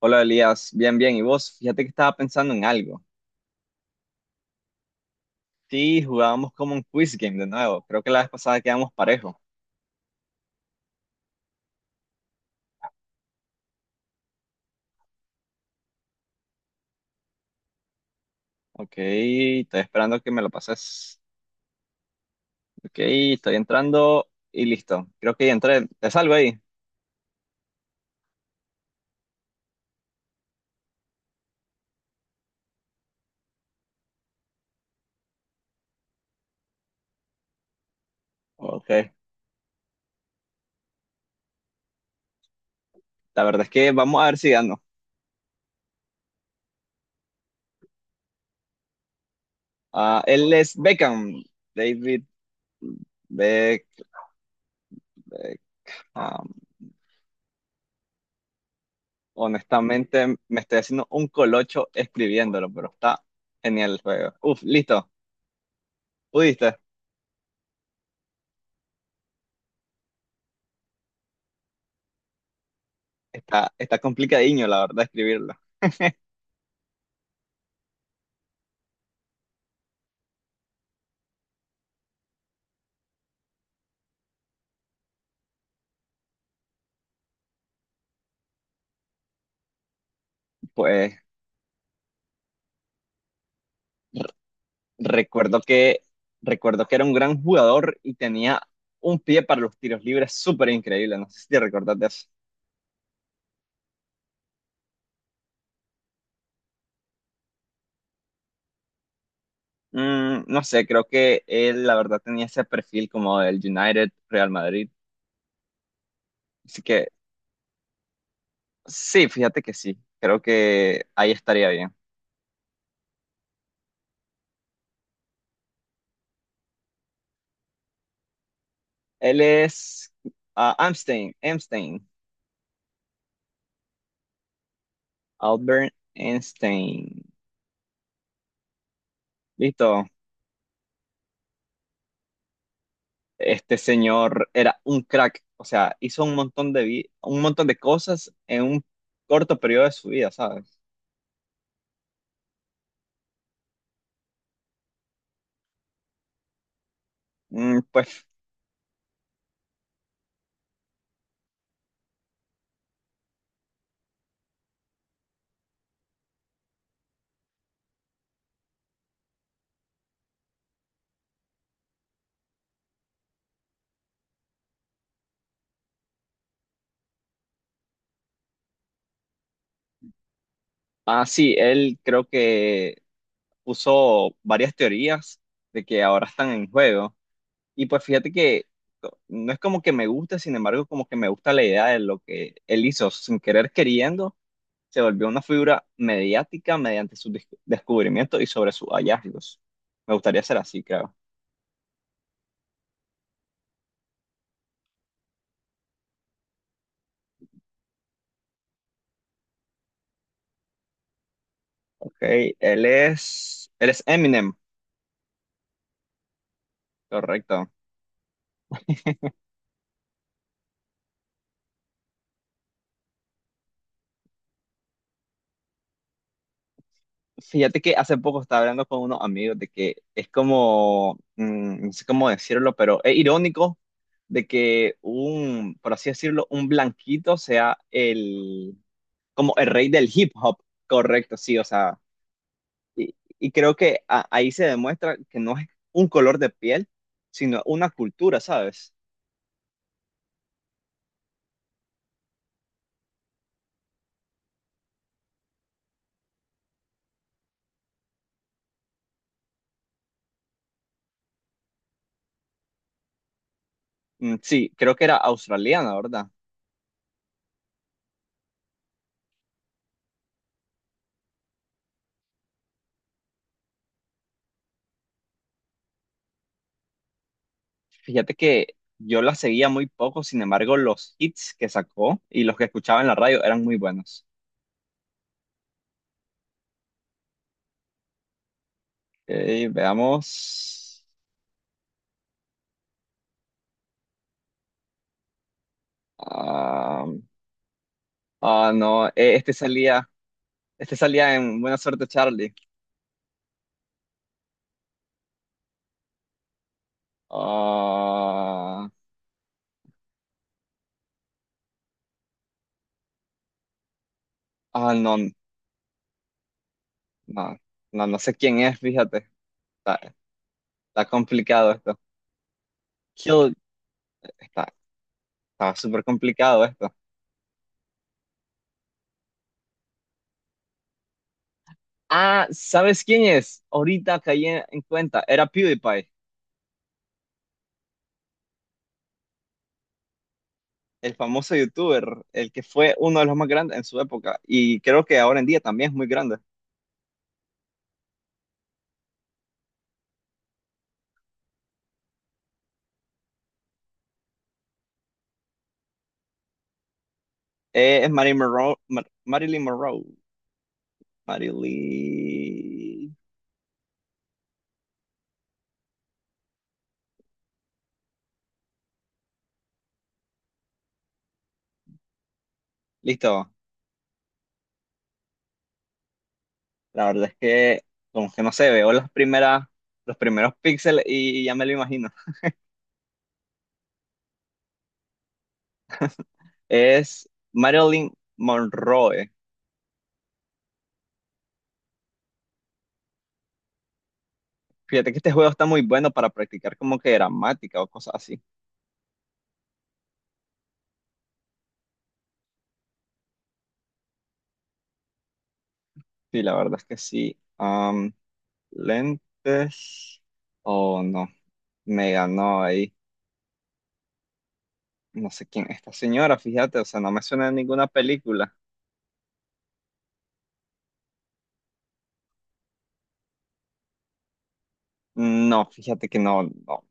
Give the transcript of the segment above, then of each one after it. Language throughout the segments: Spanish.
Hola Elías, bien, bien. ¿Y vos? Fíjate que estaba pensando en algo. Sí, jugábamos como un quiz game de nuevo. Creo que la vez pasada quedamos parejo. Ok, estoy esperando que me lo pases. Ok, estoy entrando y listo. Creo que ya entré. ¿Te salgo ahí? Ok, la verdad es que vamos a ver si gano. Ah, él es Beckham. David Beck. Beckham. Honestamente, me estoy haciendo un colocho escribiéndolo, pero está genial el juego. Uf, listo. ¿Pudiste? Está complicadiño, la verdad, escribirlo. Pues recuerdo que, recuerdo que era un gran jugador y tenía un pie para los tiros libres súper increíble. No sé si te recordás de eso. No sé, creo que él la verdad tenía ese perfil como del United, Real Madrid. Así que sí, fíjate que sí. Creo que ahí estaría bien. Él es ah, Amstein, Amstein, Albert Einstein. Listo. Este señor era un crack, o sea, hizo un montón de cosas en un corto periodo de su vida, ¿sabes? Mm, pues, ah, sí, él creo que puso varias teorías de que ahora están en juego. Y pues fíjate que no es como que me guste, sin embargo, como que me gusta la idea de lo que él hizo sin querer queriendo, se volvió una figura mediática mediante sus descubrimientos y sobre sus hallazgos. Me gustaría ser así, creo. Ok, él es Eminem, correcto. Fíjate que hace poco estaba hablando con unos amigos de que es como, no sé cómo decirlo, pero es irónico de que un, por así decirlo, un blanquito sea el, como el rey del hip hop, correcto, sí, o sea, y creo que ahí se demuestra que no es un color de piel, sino una cultura, ¿sabes? Mm, sí, creo que era australiana, ¿verdad? Fíjate que yo la seguía muy poco, sin embargo, los hits que sacó y los que escuchaba en la radio eran muy buenos. Ok, veamos. Ah, ah, no, este salía en Buena Suerte Charlie. Ah, ah, no, no, no, no sé quién es, fíjate. Está, está complicado esto. Kill, está, está súper complicado esto. Ah, ¿sabes quién es? Ahorita caí en cuenta, era PewDiePie. El famoso youtuber, el que fue uno de los más grandes en su época y creo que ahora en día también es muy grande. Es Marilyn Monroe. Marilyn. Listo. La verdad es que como que no sé, veo los primeros píxeles y ya me lo imagino. Es Marilyn Monroe. Fíjate que este juego está muy bueno para practicar como que gramática o cosas así. Sí, la verdad es que sí. Am, lentes. Oh, no. Me ganó ahí. No sé quién es esta señora, fíjate, o sea, no me suena a ninguna película. No, fíjate que no, no.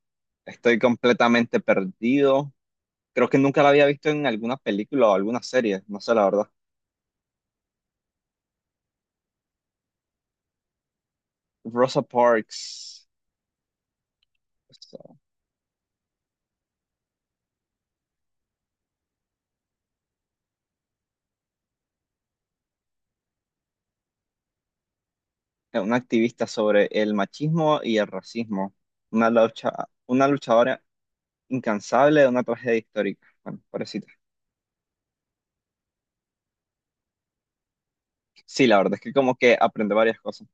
Estoy completamente perdido. Creo que nunca la había visto en alguna película o alguna serie, no sé la verdad. Rosa Parks, o sea, una activista sobre el machismo y el racismo, una lucha, una luchadora incansable de una tragedia histórica. Bueno, pobrecita. Sí, la verdad es que como que aprende varias cosas.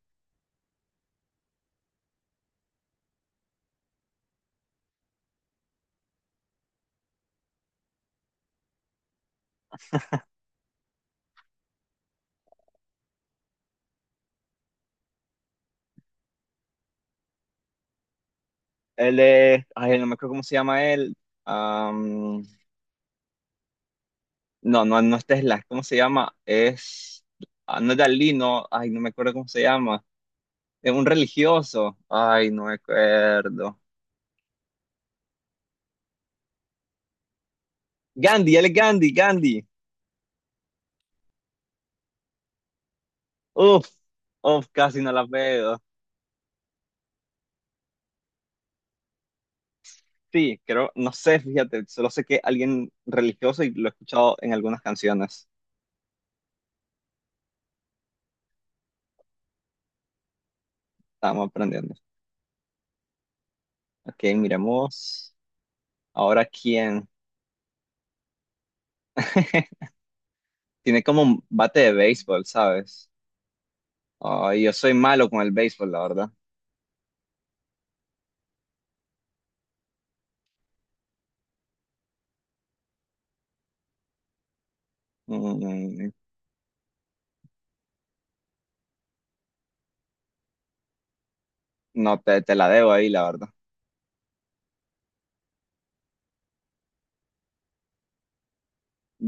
Él es, ay, no me acuerdo cómo se llama él. No, no, no es Tesla, ¿cómo se llama? Es, ah, no es Dalí, no, ay, no me acuerdo cómo se llama. Es un religioso, ay, no me acuerdo. Gandhi, él es Gandhi. Uf, Uf, casi no la veo. Sí, creo, no sé, fíjate, solo sé que alguien religioso y lo he escuchado en algunas canciones. Estamos aprendiendo. Ok, miremos. Ahora quién. Tiene como un bate de béisbol, ¿sabes? Ay, yo soy malo con el béisbol, la verdad. Mm. No, te la debo ahí, la verdad.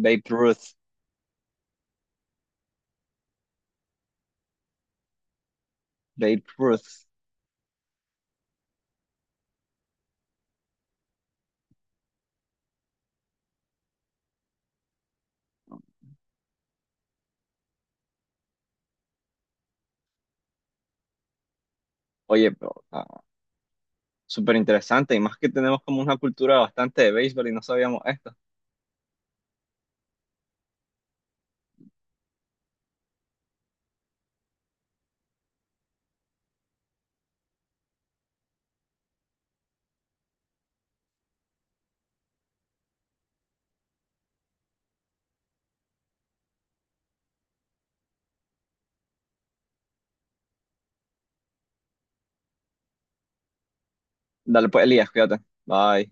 Babe Ruth, Babe Ruth. Oye, pero ah, súper interesante y más que tenemos como una cultura bastante de béisbol y no sabíamos esto. Dale pues, Elías, cuídate. Bye.